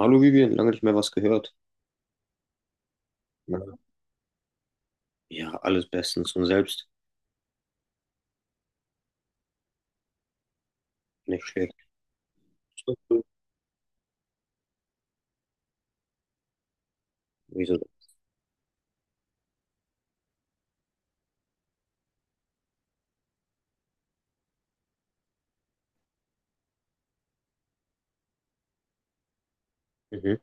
Hallo Vivian, lange nicht mehr was gehört. Na, ja, alles bestens und selbst nicht schlecht. Wieso? Mhm.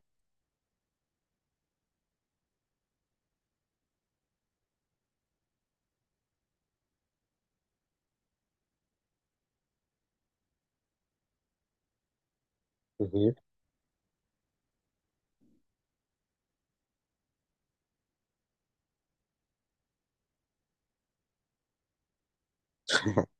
Mhm.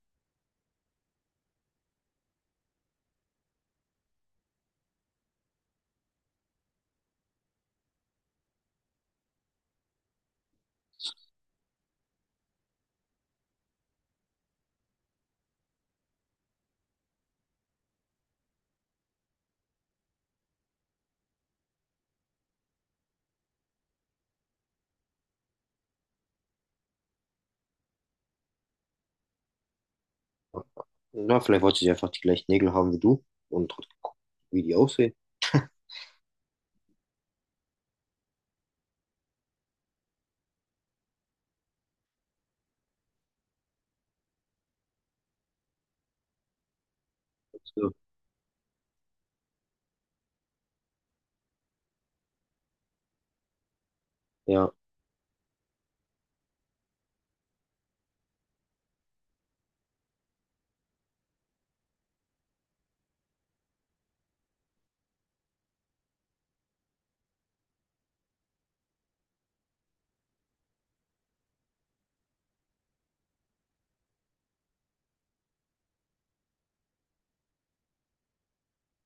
Na, vielleicht wollte sie einfach die gleichen Nägel haben wie du und hat geguckt, wie die aussehen. So. Ja.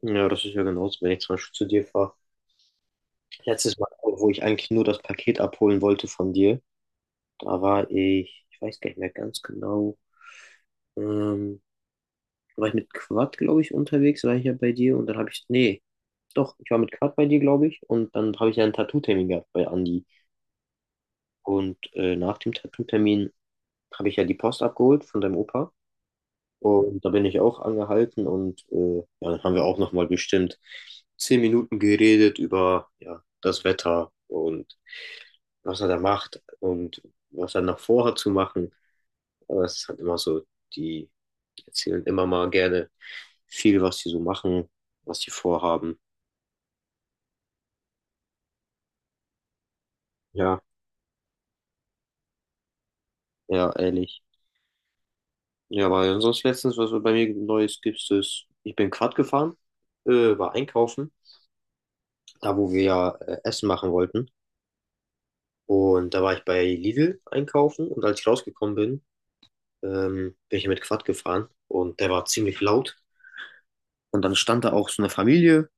Ja, das ist ja genauso, wenn ich zum Beispiel zu dir fahre. Letztes Mal, wo ich eigentlich nur das Paket abholen wollte von dir, da war ich, weiß gar nicht mehr ganz genau, ähm, da war ich mit Quad, glaube ich, unterwegs, war ich ja bei dir und dann habe ich, nee, doch, ich war mit Quad bei dir, glaube ich, und dann habe ich ja einen Tattoo-Termin gehabt bei Andi. Und nach dem Tattoo-Termin habe ich ja die Post abgeholt von deinem Opa und da bin ich auch angehalten und ja, dann haben wir auch nochmal bestimmt 10 Minuten geredet über ja, das Wetter und was er da macht und was er noch vorhat zu machen. Aber es ist halt immer so, die erzählen immer mal gerne viel, was sie so machen, was sie vorhaben. Ja, ja, ehrlich. Ja, weil sonst letztens, was bei mir Neues gibt, ist, ich bin Quad gefahren, war einkaufen, da wo wir ja Essen machen wollten. Und da war ich bei Lidl einkaufen und als ich rausgekommen bin, bin ich mit Quad gefahren und der war ziemlich laut. Und dann stand da auch so eine Familie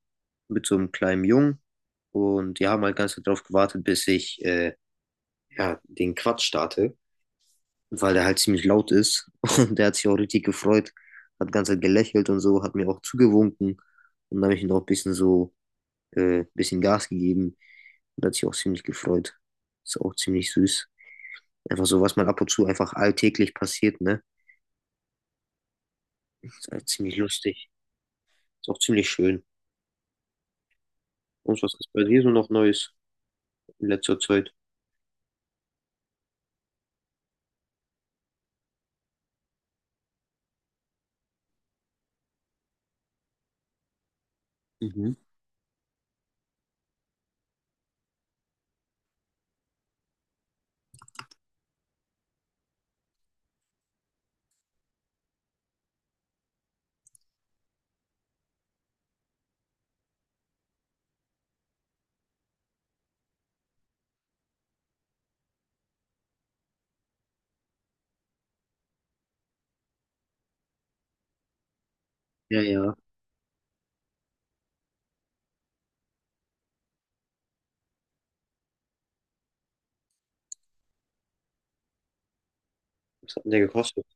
mit so einem kleinen Jungen und die haben halt ganz drauf gewartet, bis ich ja, den Quatsch starte, weil der halt ziemlich laut ist. Und der hat sich auch richtig gefreut, hat die ganze Zeit gelächelt und so, hat mir auch zugewunken. Und dann habe ich ihm auch ein bisschen so, ein bisschen Gas gegeben. Und hat sich auch ziemlich gefreut. Ist auch ziemlich süß. Einfach so, was man ab und zu einfach alltäglich passiert, ne? Ist halt ziemlich lustig. Ist auch ziemlich schön. Und was ist bei dir so noch Neues in letzter Zeit? Mhm. Ja, ja. Was hat denn der gekostet?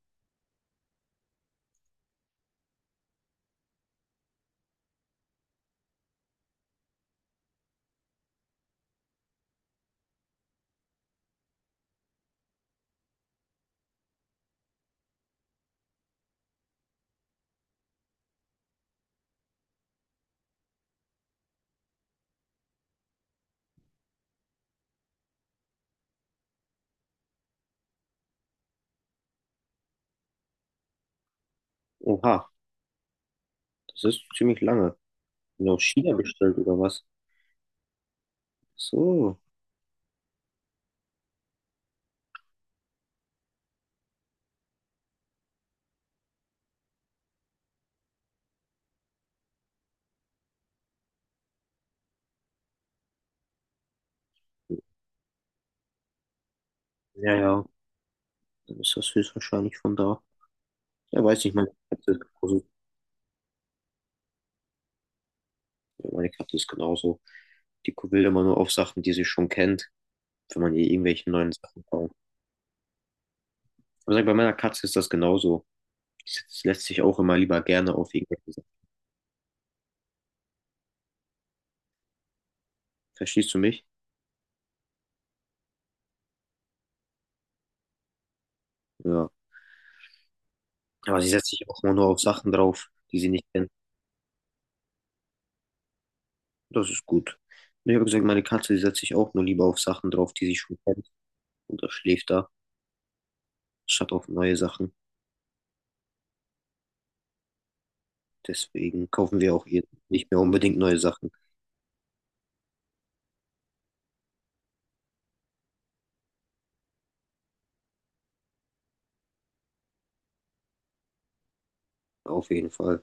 Oha, das ist ziemlich lange. Bin aus China bestellt oder was? So. Ja, ja, dann ist das höchstwahrscheinlich von da. Ja, weiß nicht, meine Katze ist genauso. Ja, meine Katze ist genauso. Die will immer nur auf Sachen, die sie schon kennt, wenn man ihr irgendwelche neuen Sachen kauft. Aber sag, bei meiner Katze ist das genauso. Die lässt sich auch immer lieber gerne auf irgendwelche Sachen. Verstehst du mich? Ja. Aber sie setzt sich auch immer nur auf Sachen drauf, die sie nicht kennt. Das ist gut. Und ich habe gesagt, meine Katze, die setzt sich auch nur lieber auf Sachen drauf, die sie schon kennt. Und das schläft da, statt auf neue Sachen. Deswegen kaufen wir auch ihr nicht mehr unbedingt neue Sachen. Auf jeden Fall.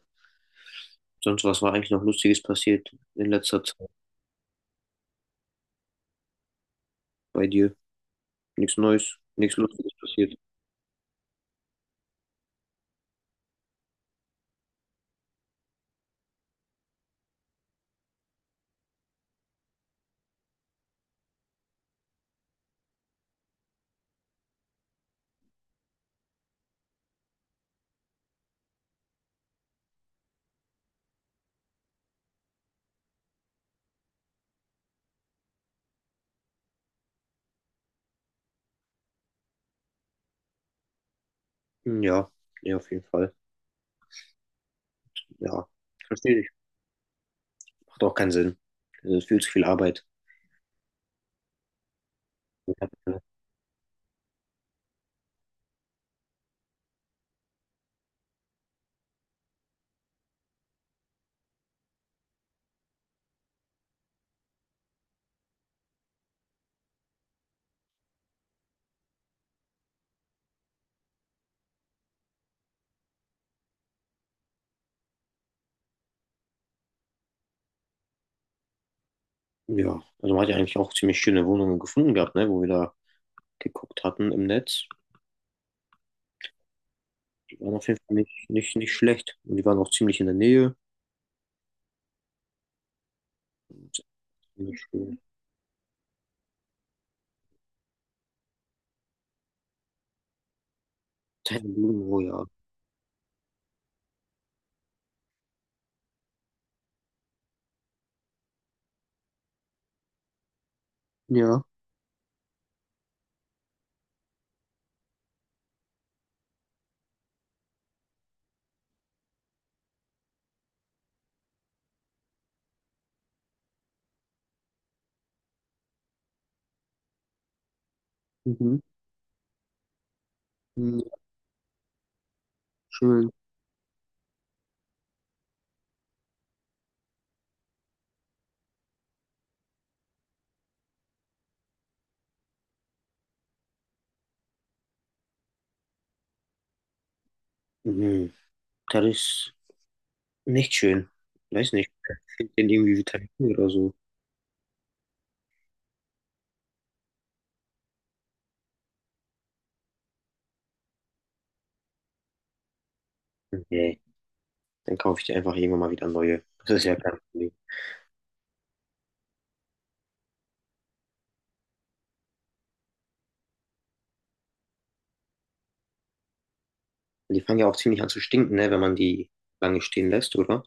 Sonst, was war eigentlich noch Lustiges passiert in letzter Zeit bei dir? Nichts Neues, nichts Lustiges passiert. Hm, ja, ja, auf jeden Fall. Ja, verstehe ich. Macht auch keinen Sinn. Viel zu viel Arbeit. Ja, also man hat ja eigentlich auch ziemlich schöne Wohnungen gefunden gehabt, ne, wo wir da geguckt hatten im Netz. Die waren auf jeden Fall nicht schlecht. Und die waren auch ziemlich in der Nähe. Ziemlich schön. Teilen, oh ja. Ja, mhm. Mhm. Schön. Mhm. Das ist nicht schön. Weiß nicht. Fehlt denen irgendwie Vitamine oder so? Nee. Dann kaufe ich dir einfach irgendwann mal wieder neue. Das ist ja kein Problem. Die fangen ja auch ziemlich an zu stinken, ne, wenn man die lange stehen lässt, oder?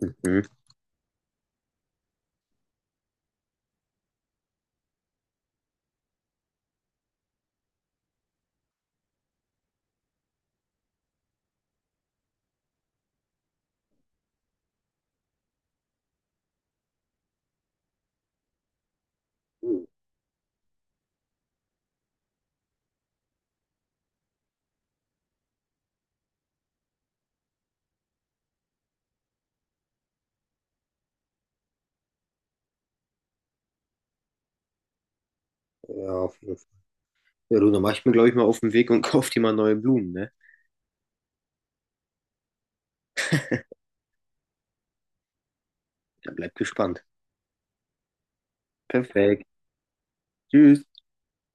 Mhm. Ja, auf jeden Fall. Ja, du, dann mach ich mir, glaube ich, mal auf den Weg und kauf dir mal neue Blumen, ne? Dann bleib gespannt. Perfekt. Tschüss.